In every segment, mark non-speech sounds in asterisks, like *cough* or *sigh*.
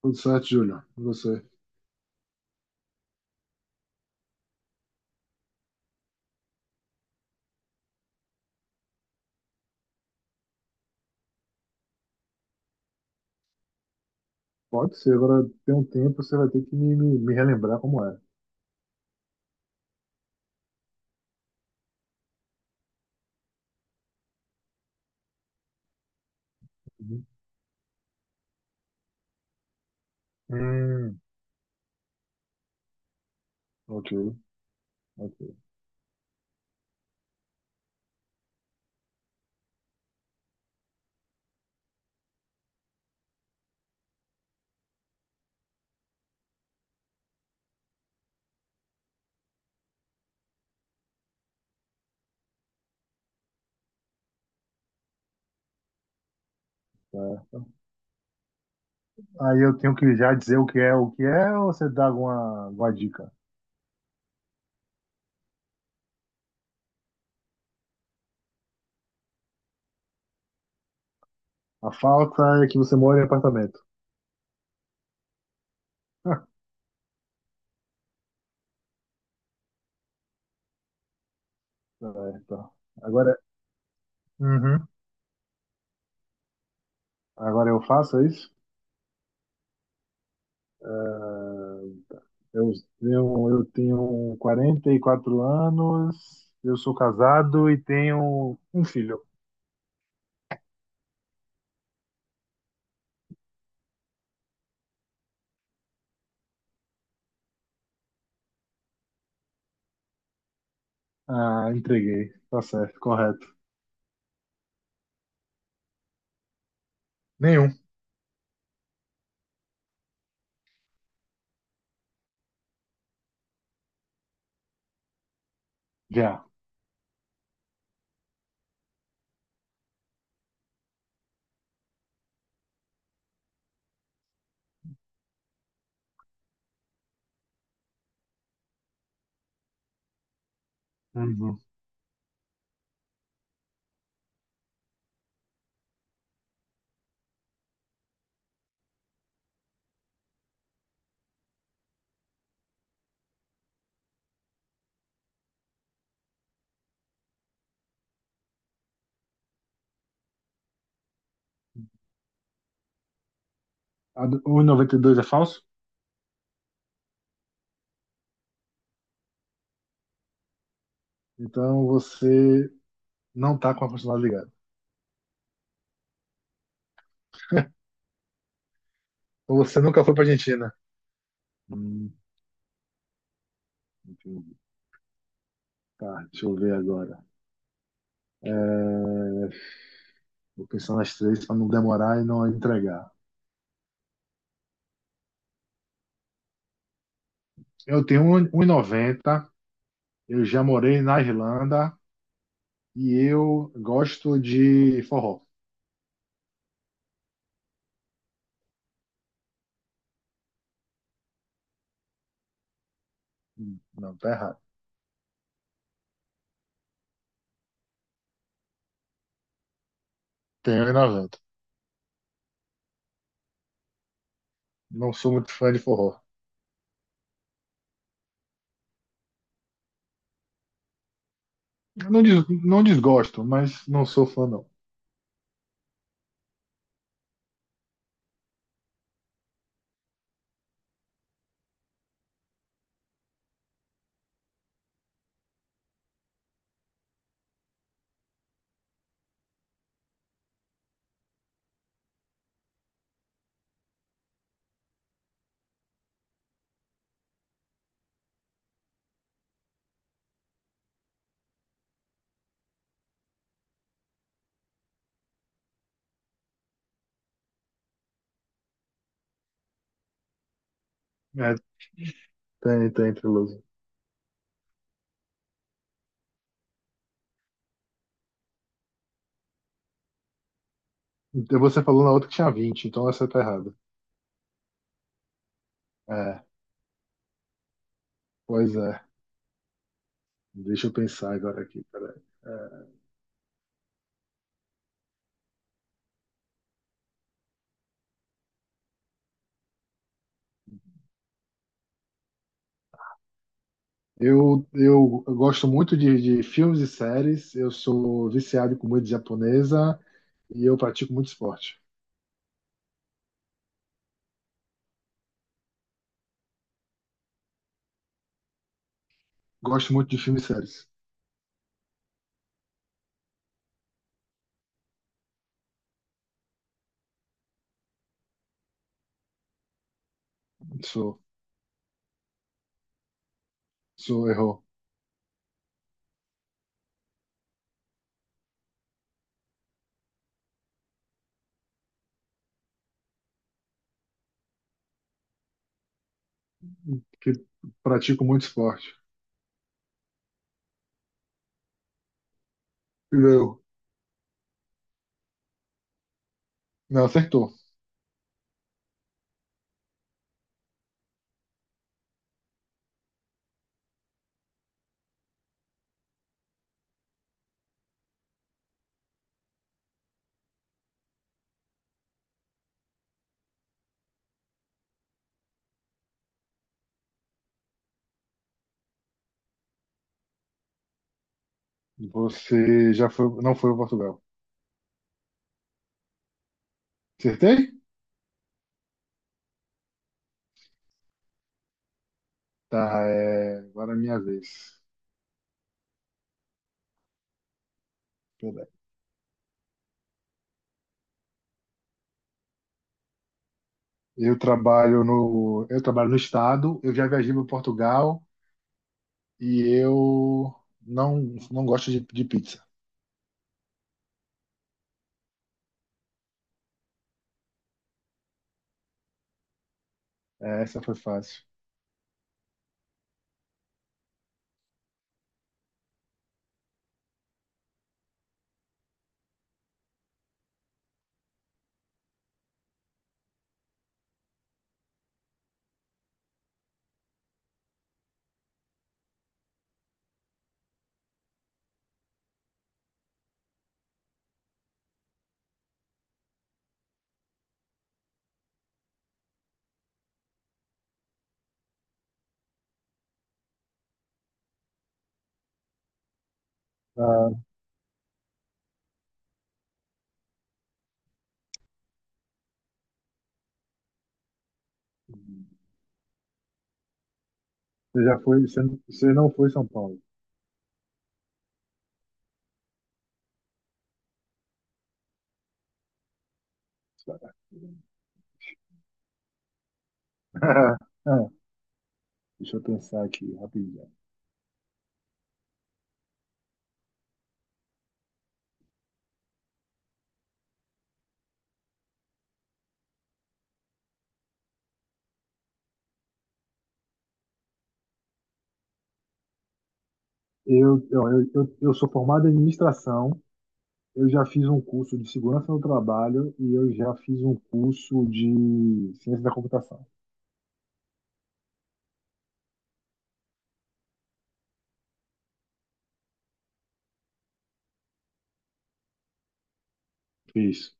Tudo certo, Júlia. E você? Pode ser, agora tem um tempo, você vai ter que me relembrar como é. Uhum. Hum, ok, ok. Certo. Aí eu tenho que já dizer o que é, ou você dá alguma dica? A falta é que você mora em apartamento. *laughs* Certo. Agora, uhum. Agora eu faço é isso? Eh, eu eu tenho 44 anos, eu sou casado e tenho um filho. Ah, entreguei. Tá certo, correto. Nenhum. Já. Uhum. O 92 é falso? Então você não tá com a constitucional ligada. Ou você nunca foi pra Argentina. Hum, entendi. Tá, deixa eu ver agora. Vou pensar nas três para não demorar e não entregar. Eu tenho um 1,90. Eu já morei na Irlanda. E eu gosto de forró. Não, tá errado. Tenho um 1,90. Não sou muito fã de forró. Eu não, não desgosto, mas não sou fã, não. É, tem, tem, Triloso. Então você falou na outra que tinha 20, então essa tá errada. É, pois é. Deixa eu pensar agora aqui, peraí. Eu gosto muito de filmes e séries, eu sou viciado em comida japonesa e eu pratico muito esporte. Gosto muito de filmes e séries. Sou, sou errou. Que pratico muito esporte. Não, não acertou. Você já foi, não foi para Portugal. Acertei? Tá, é, agora é minha vez. Eu trabalho no estado, eu já viajei para Portugal e eu não, não gosto de pizza. É, essa foi fácil. Ah, você já foi, você, você não foi em São Paulo. *laughs* Ah, deixa eu pensar aqui rapidinho. Eu sou formado em administração, eu já fiz um curso de segurança no trabalho e eu já fiz um curso de ciência da computação. Fiz.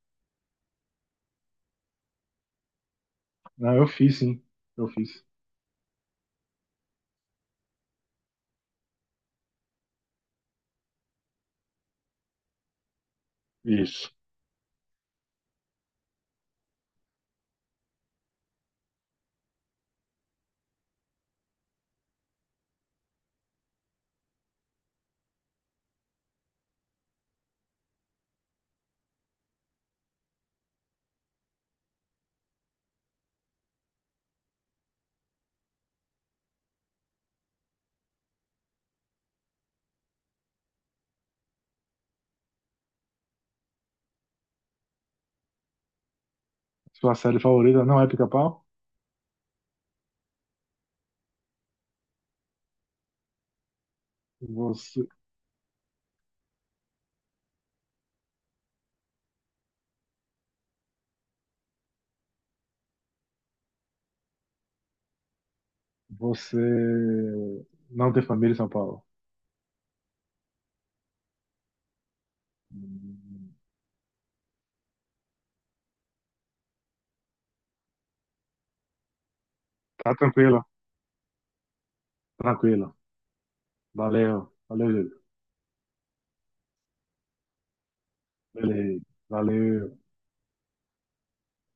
Não, eu fiz, sim. Eu fiz. Isso. Sua série favorita não é Pica-Pau? Você, você não tem família em São Paulo. Hum, Tá tranquilo, tranquilo. Valeu, valeu, Júlio. Beleza, valeu.